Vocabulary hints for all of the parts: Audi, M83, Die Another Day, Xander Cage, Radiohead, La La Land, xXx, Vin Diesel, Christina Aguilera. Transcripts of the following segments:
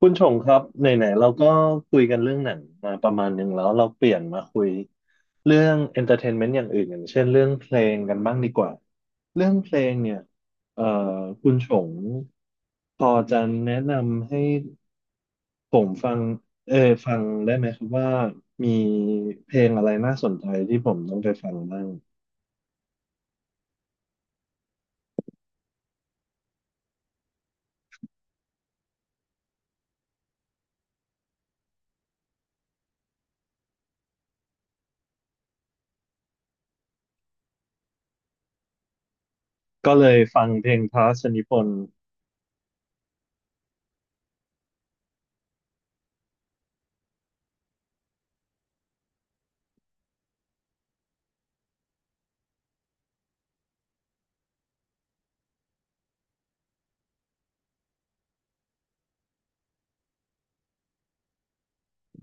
คุณชงครับไหนๆเราก็คุยกันเรื่องหนังมาประมาณหนึ่งแล้วเราเปลี่ยนมาคุยเรื่อง entertainment อย่างอื่นอย่างเช่นเรื่องเพลงกันบ้างดีกว่าเรื่องเพลงเนี่ยเอ่อคุณชงพอจะแนะนำให้ผมฟังเออฟังได้ไหมครับว่ามีเพลงอะไรน่าสนใจที่ผมต้องไปฟังบ้างก็เลยฟังเพลงพระราชนิพนธ์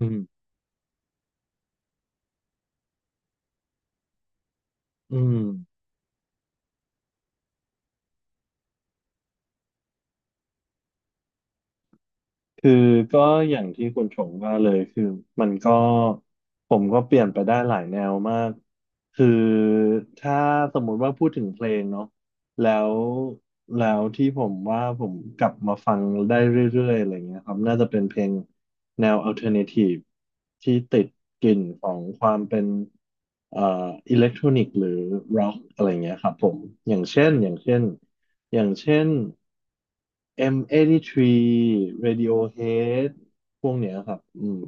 อืมอืม คือก็อย่างที่คุณชงว่าเลยคือมันก็ผมก็เปลี่ยนไปได้หลายแนวมากคือถ้าสมมุติว่าพูดถึงเพลงเนาะแล้วแล้วที่ผมว่าผมกลับมาฟังได้เรื่อยๆอะไรเงี้ยครับน่าจะเป็นเพลงแนว alternative ที่ติดกลิ่นของความเป็นเอ่ออิเล็กทรอนิกหรือร็อกอะไรเงี้ยครับผมอย่างเช่นอย่างเช่น อย่างเช่น M83 Radiohead พวกเนี้ยครับ อืม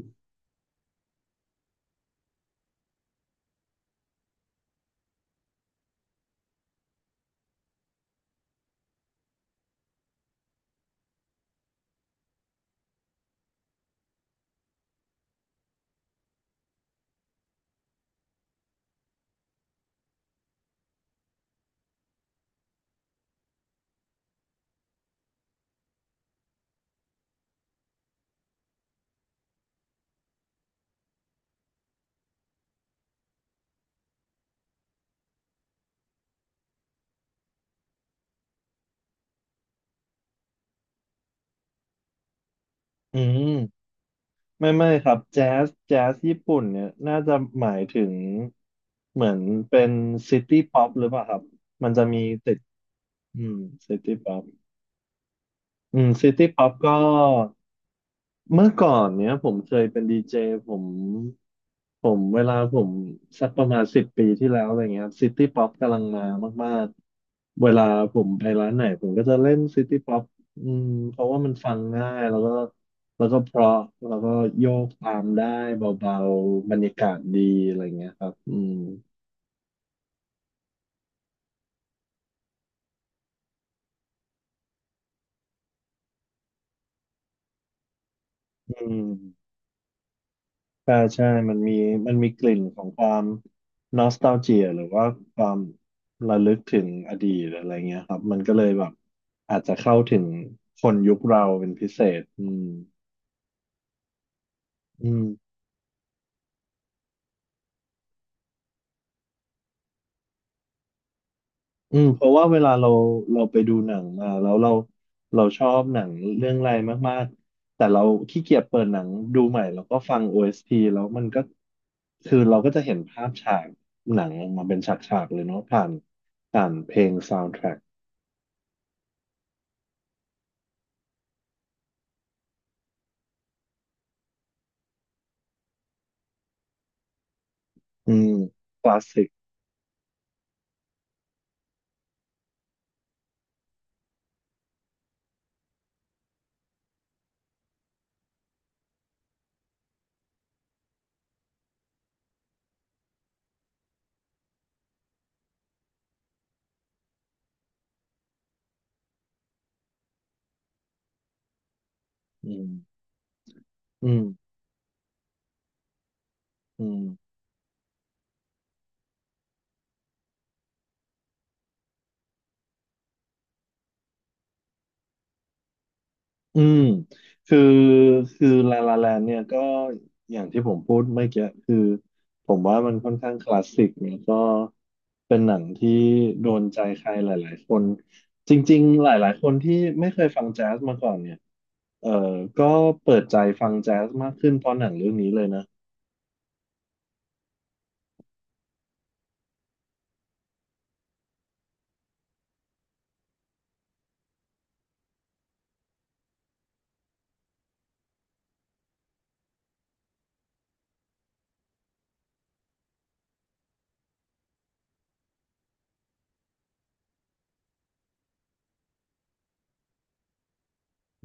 อืมไม่ครับแจ๊สแจ๊สญี่ปุ่นเนี่ยน่าจะหมายถึงเหมือนเป็นซิตี้ป๊อปหรือเปล่าครับ มันจะมีติด อืมซิตี้ป๊อปซิตี้ป๊อปก็ เมื่อก่อนเนี้ยผมเคยเป็นดีเจผมผมเวลาผมสักประมาณสิบปีที่แล้วอะไรเงี้ยซิตี้ป๊อปกำลังมามากๆเวลาผมไปร้านไหนผมก็จะเล่นซิตี้ป๊อปอืมเพราะว่ามันฟังง่ายแล้วก็แล้วก็เพราะแล้วก็โยกตามได้เบาๆบรรยากาศดีอะไรเงี้ยครับอืม ใช่ใช่มันมีมันมีกลิ่นของความนอสต a l เจียหรือว่าความระลึกถึงอดีตอะไรเงี้ยครับ มันก็เลยแบบอาจจะเข้าถึงคนยุคเราเป็นพิเศษอืมเพราะว่าเวลาเราเราไปดูหนังมาแล้วเราชอบหนังเรื่องอะไรมากๆ แต่เราขี้เกียจเปิดหนังดูใหม่แล้วก็ฟัง o s ีแล้วมันก็คือเราก็จะเห็นภาพฉากหนังออกมาเป็นฉากๆเลยเนาะผ่านเพลง soundtrack อืมคลาสสิกอืมอืมอืมอืมคือลาลาแลนเนี่ยก็อย่างที่ผมพูดเมื่อกี้คือผมว่ามันค่อนข้างคลาสสิกแนี่ก็เป็นหนังที่โดนใจใครหลายๆคนจริงๆหลายๆคนที่ไม่เคยฟังแจ๊สมาก่อนเนี่ยเออ ก็เปิดใจฟังแจ๊สมากขึ้นเพราะหนังเรื่องนี้เลยนะ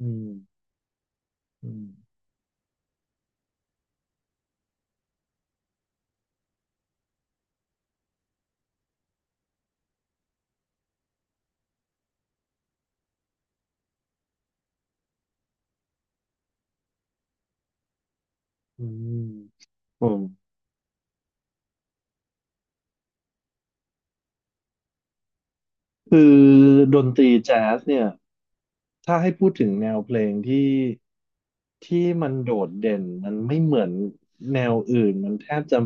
อืมอืมอืมผมคือดนตรีแจ๊สเนี่ย ถ้าให้พูดถึงแนวเพลงที่มันโดดเด่นมันไม่เหมือนแนวอื่นมันแทบจะ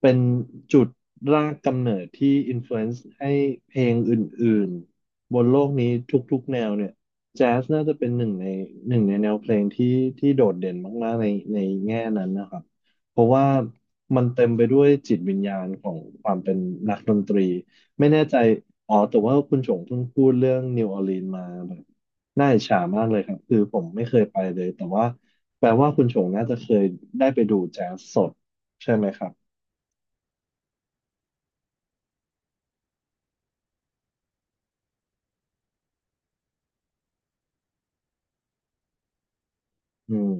เป็นจุดรากกำเนิดที่อินฟลูเอนซ์ให้เพลงอื่นๆบนโลกนี้ทุกๆแนวเนี่ยแจ๊สน่าจะเป็นหนึ่งในแนวเพลงที่โดดเด่นมากๆในแง่นั้นนะครับเพราะว่ามันเต็มไปด้วยจิตวิญญาณของความเป็นนักดนตรีไม่แน่ใจอ๋อแต่ว่าคุณชงเพิ่งพูดเรื่องนิวออร์ลีนมา น่าอิจฉามากเลยครับคือผมไม่เคยไปเลยแต่ว่าแปลว่าคุณชงน่าจะเคยได้ไปดูแจ๊สสดใช่ไหมครับอืม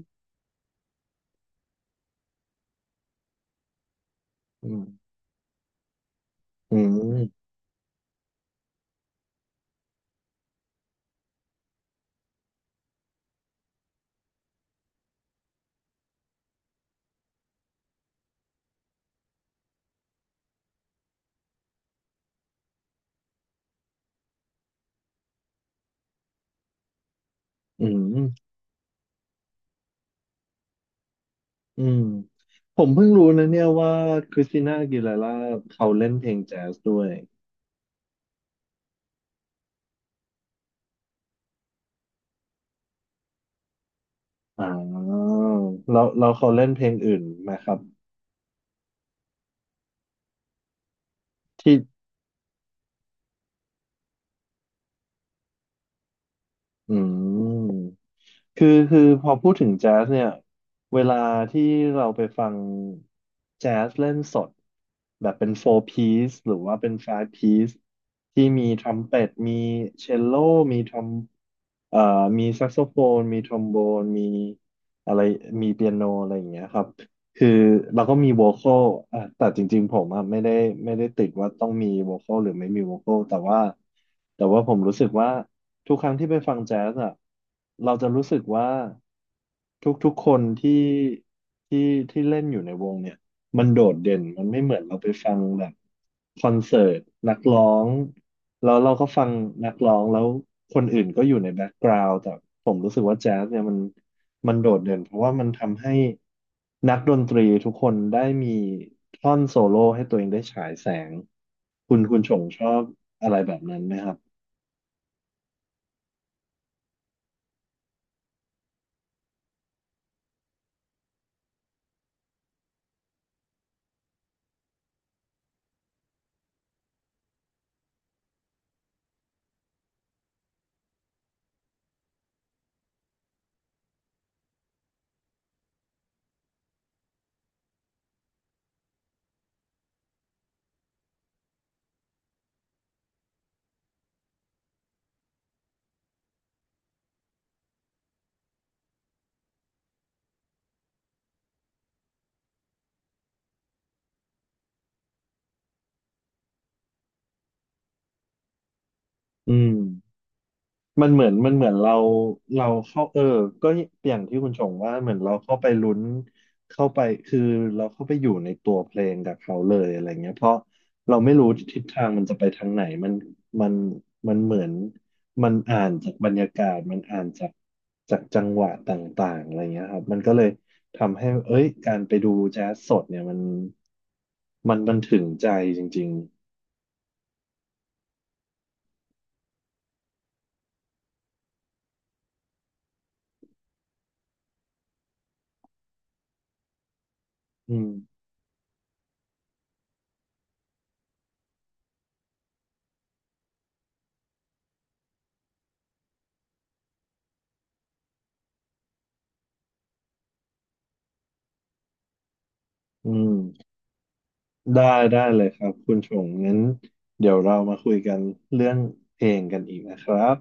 อืมอืมอืมอืมผมเพิ่งรู้นะเนี่ยว่าคริสติน่าอากีเลาร่าเขาเล่นเพลงแจ๊สด้วยอ่าแล้วแล้วเขาเล่นเพลงอื่นไหมครับที่อืม คือพอพูดถึงแจ๊สเนี่ยเวลาที่เราไปฟังแจ๊สเล่นสดแบบเป็นโฟร์ piece หรือว่าเป็นไฟ v ์ piece ที่มีทรัมเป็ตมีเชลโลมีทรอมเอ่อมีแซกโซโฟนมีทรอมโบนมีอะไรมีเปียโนอะไรอย่างเงี้ยครับ คือเราก็มีโวคอลอ่ะแต่จริงๆผมอ่ะไม่ได้ติดว่าต้องมีโวคอลหรือไม่มีโวคอลแต่ว่าผมรู้สึกว่าทุกครั้งที่ไปฟังแจ๊สอ่ะเราจะรู้สึกว่าทุกๆคนที่ที่เล่นอยู่ในวงเนี่ย มันโดดเด่นมันไม่เหมือนเราไปฟังแบบคอนเสิร์ตนักร้องแล้วเราก็ฟังนักร้องแล้วคนอื่นก็อยู่ในแบ็กกราวด์แต่ผมรู้สึกว่าแจ๊สเนี่ยมันโดดเด่นเพราะว่ามันทำให้นักดนตรีทุกคนได้มีท่อนโซโล่ให้ตัวเองได้ฉายแสงคุณชงชอบอะไรแบบนั้นไหมครับอืม มันเหมือนเราเราเข้าก็อย่างที่คุณชงว่าเหมือนเราเข้าไปลุ้นเข้าไปคือเราเข้าไปอยู่ในตัวเพลงกับเขาเลยอะไรเงี้ยเพราะเราไม่รู้ทิศทางมันจะไปทางไหนมันมันเหมือนมันอ่านจากบรรยากาศมันอ่านจากจากจังหวะต่างๆอะไรเงี้ยครับมันก็เลยทำให้เอ้ยการไปดูแจ๊สสดเนี่ยมันมันถึงใจจริงๆอืม ได้ได้เลยครับคุณชงงั้นเดี๋ยวเรามาคุยกันเรื่องเพลงกันอีกนะครับ